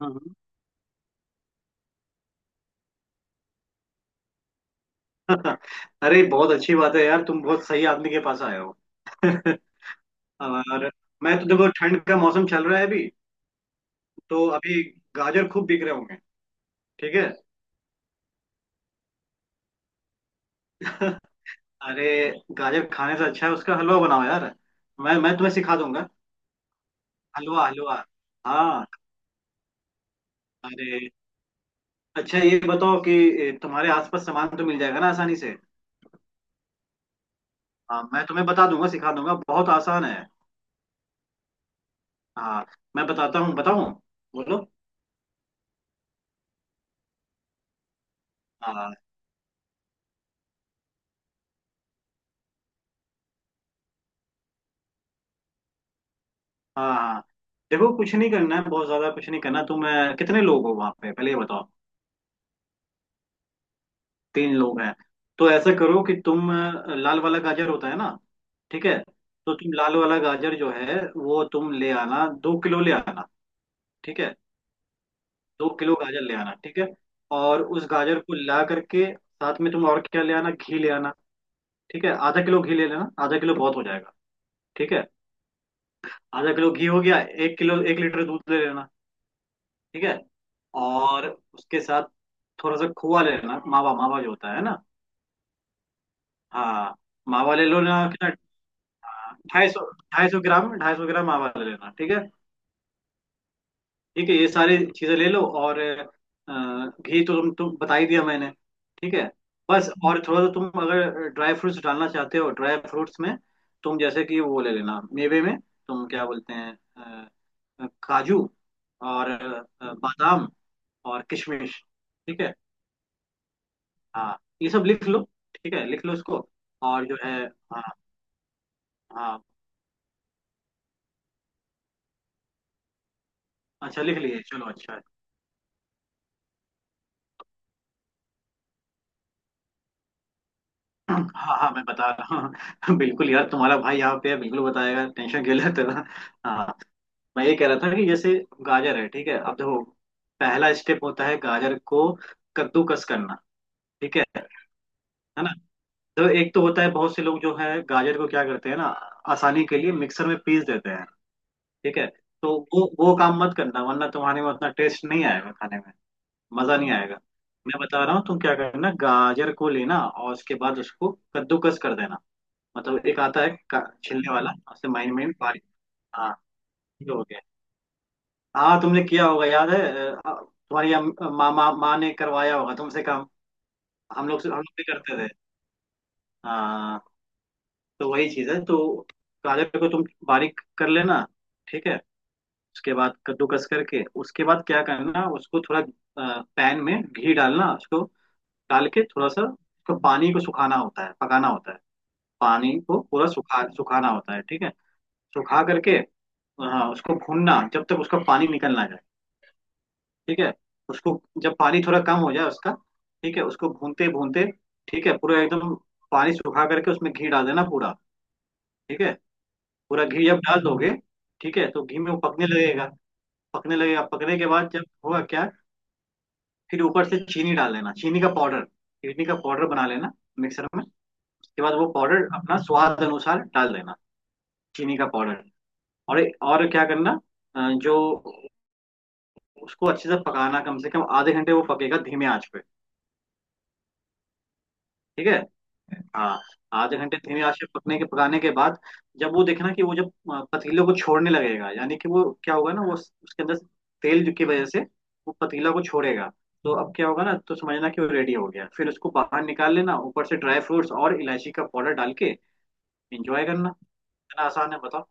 हाँ। अरे बहुत अच्छी बात है यार, तुम बहुत सही आदमी के पास आए हो। और मैं तो देखो, ठंड का मौसम चल रहा है अभी। तो अभी गाजर खूब बिक रहे होंगे। ठीक है। अरे, गाजर खाने से अच्छा है उसका हलवा बनाओ यार। मैं तुम्हें सिखा दूंगा। हलवा हलवा। हाँ। अरे अच्छा, ये बताओ कि तुम्हारे आसपास सामान तो मिल जाएगा ना आसानी से। हाँ, मैं तुम्हें बता दूंगा, सिखा दूंगा, बहुत आसान है। हाँ, मैं बताता हूँ बताऊँ, बोलो। हाँ, हाँ, हाँ। देखो, कुछ नहीं करना है, बहुत ज्यादा कुछ नहीं करना। तुम कितने लोग हो वहां पे, पहले ये बताओ। तीन लोग हैं, तो ऐसा करो कि तुम लाल वाला गाजर होता है ना। ठीक है। तो तुम लाल वाला गाजर जो है वो तुम ले आना, 2 किलो ले आना। ठीक है, 2 किलो गाजर ले आना। ठीक है। और उस गाजर को ला करके साथ में तुम और क्या ले आना, घी ले आना। ठीक है, आधा किलो घी ले लेना, आधा किलो बहुत हो जाएगा। ठीक है। आधा किलो घी हो गया। 1 किलो, 1 लीटर दूध ले लेना। ठीक है। और उसके साथ थोड़ा सा खोआ लेना, मावा, मावा जो होता है ना। हाँ, मावा ले लो ना क्या। 250, 250 ग्राम, 250 ग्राम मावा ले लेना। ठीक है। ठीक है, ये सारी चीजें ले लो। और घी तो तुम बता ही दिया मैंने। ठीक है। बस और थोड़ा सा तुम अगर ड्राई फ्रूट्स डालना चाहते हो, ड्राई फ्रूट्स में तुम जैसे कि वो ले लेना, मेवे में तुम क्या बोलते हैं, काजू और बादाम और किशमिश। ठीक है। हाँ। ये सब लिख लो। ठीक है, लिख लो इसको। और जो है। हाँ, हाँ। अच्छा, लिख लिए, चलो अच्छा है। हाँ, हाँ, मैं बता रहा हूँ। बिल्कुल यार, तुम्हारा भाई यहाँ पे है, बिल्कुल बताएगा, टेंशन क्यों लेते हो। हाँ, मैं ये कह रहा था कि जैसे गाजर है, ठीक है, अब देखो, पहला स्टेप होता है गाजर को कद्दूकस करना। ठीक है ना। तो एक तो होता है, बहुत से लोग जो है गाजर को क्या करते हैं ना, आसानी के लिए मिक्सर में पीस देते हैं। ठीक है। तो वो काम मत करना, वरना तुम्हारे में उतना टेस्ट नहीं आएगा खाने में, मजा नहीं आएगा। मैं बता रहा हूँ, तुम क्या करना, गाजर को लेना और उसके बाद उसको कद्दूकस कर देना। मतलब एक आता है छिलने वाला, उससे महीन महीन बारीक। हाँ, ये हो गया। हाँ, तुमने किया होगा, याद है। तुम्हारी माँ माँ माँ ने करवाया होगा तुमसे काम। हम लोग भी करते थे। हाँ, तो वही चीज है, तो गाजर को तुम बारीक कर लेना। ठीक है। उसके बाद कद्दूकस करके उसके बाद क्या करना, उसको थोड़ा पैन में घी डालना, उसको डाल के थोड़ा सा उसको पानी को सुखाना होता है, पकाना होता है। पानी को पूरा सुखाना होता है। ठीक है, सुखा करके। हाँ, उसको भूनना जब तक उसका पानी निकल ना जाए। ठीक है, उसको जब पानी थोड़ा कम हो जाए उसका, ठीक है, उसको भूनते भूनते, ठीक है, पूरा एकदम पानी सुखा करके उसमें घी डाल देना पूरा। ठीक है। पूरा घी जब डाल दोगे, ठीक है, तो घी में वो पकने लगेगा। पकने लगेगा, पकने के बाद जब होगा क्या। फिर ऊपर से चीनी डाल लेना, चीनी का पाउडर, चीनी का पाउडर बना लेना मिक्सर में। उसके बाद वो पाउडर अपना स्वाद अनुसार डाल देना, चीनी का पाउडर। और क्या करना, जो उसको अच्छे से पकाना, कम से कम आधे घंटे वो पकेगा धीमे आंच पे। ठीक है। हाँ, आधे घंटे धीमे आंच पे पकने के पकाने के बाद, जब वो देखना कि वो जब पतीले को छोड़ने लगेगा, यानी कि वो क्या होगा ना, वो उसके अंदर तेल की वजह से वो पतीला को छोड़ेगा। तो अब क्या होगा ना, तो समझना कि वो रेडी हो गया, फिर उसको बाहर निकाल लेना, ऊपर से ड्राई फ्रूट्स और इलायची का पाउडर डाल के एंजॉय करना। इतना आसान है, बताओ।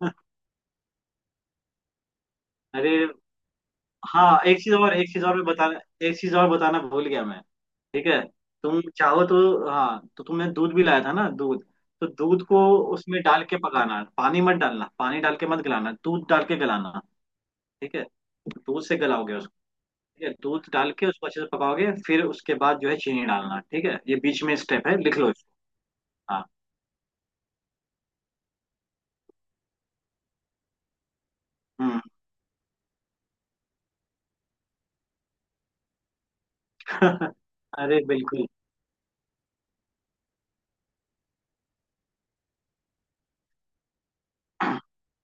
अरे हाँ, एक चीज और, एक चीज और मैं बताना, एक चीज और बताना भूल गया मैं। ठीक है। तुम चाहो तो, हाँ, तो तुमने दूध भी लाया था ना, दूध, तो दूध को उसमें डाल के पकाना, पानी मत डालना, पानी डाल के मत गलाना, दूध डाल के गलाना। ठीक है। दूध से गलाओगे उसको। ठीक है, दूध डाल के उसको अच्छे से पकाओगे, फिर उसके बाद जो है चीनी डालना। ठीक है, ये बीच में स्टेप है, लिख लो इसको। हाँ। हम्म। अरे बिल्कुल।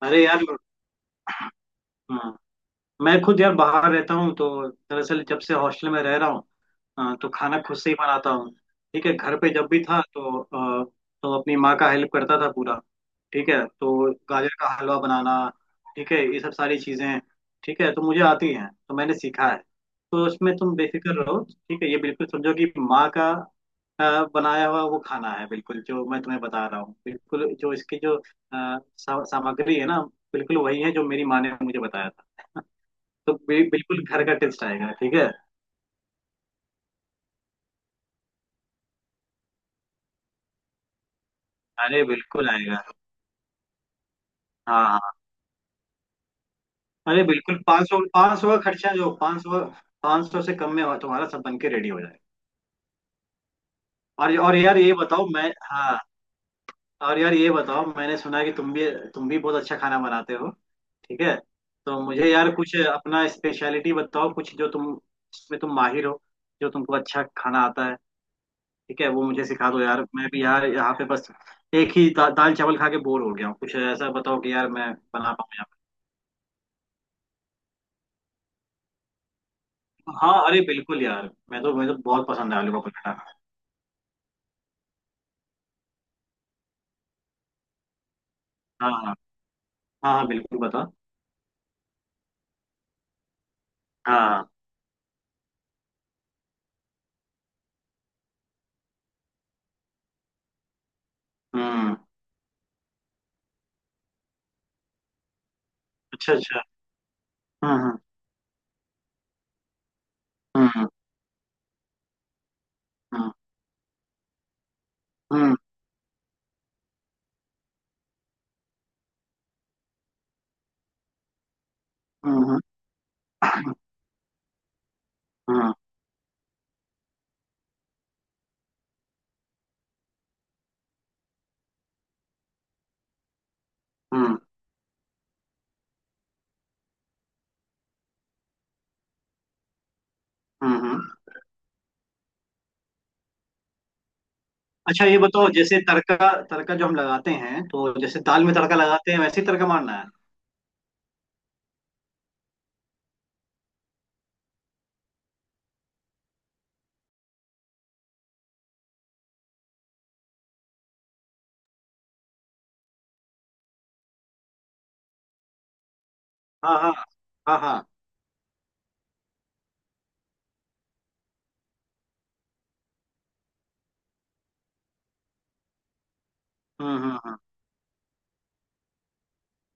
अरे यार, हम्म, मैं खुद यार बाहर रहता हूँ, तो दरअसल जब से हॉस्टल में रह रहा हूँ, हाँ, तो खाना खुद से ही बनाता हूँ। ठीक है, घर पे जब भी था तो तो अपनी माँ का हेल्प करता था पूरा। ठीक है, तो गाजर का हलवा बनाना, ठीक है, ये सब सारी चीजें, ठीक है, तो मुझे आती हैं, तो मैंने सीखा है। तो उसमें तुम बेफिक्र रहो। ठीक है, ये बिल्कुल समझो कि माँ का बनाया हुआ वो खाना है, बिल्कुल जो मैं तुम्हें बता रहा हूँ, बिल्कुल जो इसकी जो सामग्री है ना, बिल्कुल वही है जो मेरी माँ ने मुझे बताया था। तो बिल्कुल घर का टेस्ट आएगा। ठीक है। अरे बिल्कुल आएगा। हाँ, हाँ। अरे बिल्कुल, 500, 500 का खर्चा, जो 500, 500 से कम में तुम्हारा सब बन के रेडी हो जाए। और यार ये बताओ, मैं हाँ, और यार ये बताओ, मैंने सुना है कि तुम भी, तुम भी बहुत अच्छा खाना बनाते हो। ठीक है। तो मुझे यार कुछ अपना स्पेशलिटी बताओ, कुछ जो तुम, जिसमें तुम माहिर हो, जो तुमको अच्छा खाना आता है, ठीक है, वो मुझे सिखा दो यार। मैं भी यार यहाँ पे बस एक ही दाल चावल खा के बोर हो गया हूँ, कुछ ऐसा बताओ कि यार मैं बना पाऊँ यहाँ पे। हाँ, अरे बिल्कुल यार, मैं तो मुझे तो बहुत पसंद है आलू का पराठा। हाँ, हाँ, बिल्कुल बता। हाँ। हम्म। अच्छा, अच्छा। हम्म, हम्म, हम्म, हम्म, हम्म, हम्म, हम्म, हम्म, हम्म। अच्छा, ये बताओ, जैसे तड़का, तड़का जो हम लगाते हैं, तो जैसे दाल में तड़का लगाते हैं वैसे ही तड़का मारना है। हाँ, हाँ, हाँ, हाँ। हम्म, हम्म, हम्म।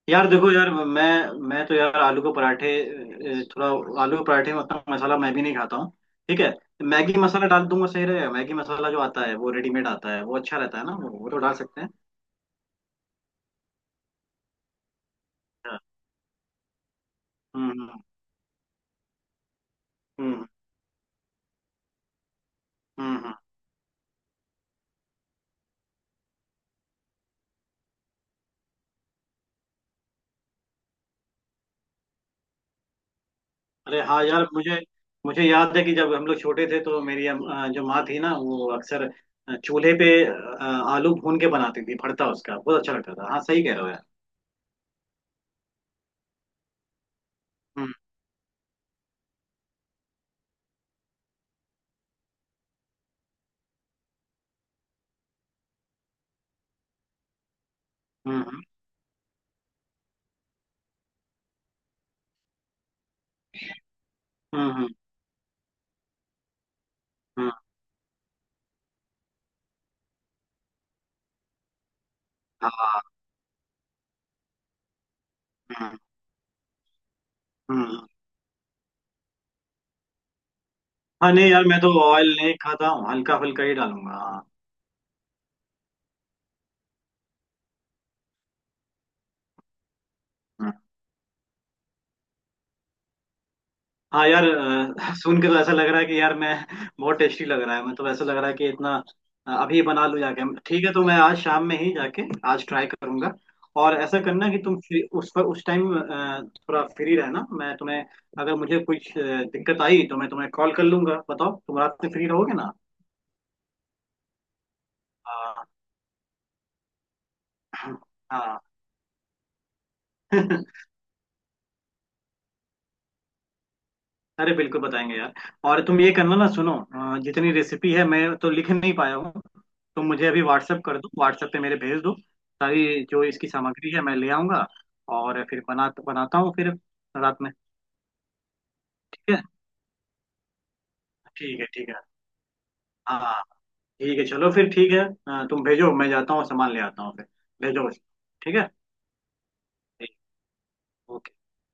यार देखो यार, मैं तो यार आलू के पराठे में उतना मसाला मैं भी नहीं खाता हूँ। ठीक है। मैगी मसाला डाल दूंगा, सही रहेगा। मैगी मसाला जो आता है वो रेडीमेड आता है, वो अच्छा रहता है ना, वो तो डाल सकते हैं। अच्छा। हम्म, हम्म, हम्म, हम्म, हम्म, हम्म। अरे हाँ यार, मुझे मुझे याद है कि जब हम लोग छोटे थे, तो मेरी जो माँ थी ना, वो अक्सर चूल्हे पे आलू भून के बनाती थी भरता, उसका बहुत अच्छा लगता था। हाँ, सही कह रहे हो यार। हम्म, हम्म, हम्म, हम्म, हम्म। हाँ। हम्म, हम्म। हाँ नहीं यार, मैं तो ऑयल नहीं खाता हूँ, हल्का फुल्का ही डालूंगा। हाँ। हम्म। हाँ यार, सुन के तो ऐसा लग रहा है कि यार मैं बहुत टेस्टी लग रहा है। मैं तो ऐसा लग रहा है कि इतना अभी बना लूँ जाके। ठीक है, तो मैं आज शाम में ही जाके आज ट्राई करूंगा। और ऐसा करना कि तुम फ्री, उस टाइम थोड़ा फ्री रहना। मैं तुम्हें अगर मुझे कुछ दिक्कत आई तो मैं तुम्हें कॉल कर लूंगा। बताओ तुम रात में फ्री रहोगे ना। हाँ। हाँ। अरे बिल्कुल बताएंगे यार। और तुम ये करना ना, सुनो, जितनी रेसिपी है मैं तो लिख नहीं पाया हूँ, तो मुझे अभी व्हाट्सअप कर दो, व्हाट्सएप पे मेरे भेज दो। सारी जो इसकी सामग्री है मैं ले आऊंगा। और फिर बनाता हूँ फिर रात में। ठीक है, ठीक है। ठीक है। हाँ। ठीक है, चलो फिर। ठीक है, तुम भेजो, मैं जाता हूँ सामान ले आता हूँ फिर। भेजो बस। ठीक है। ठीक। ओके।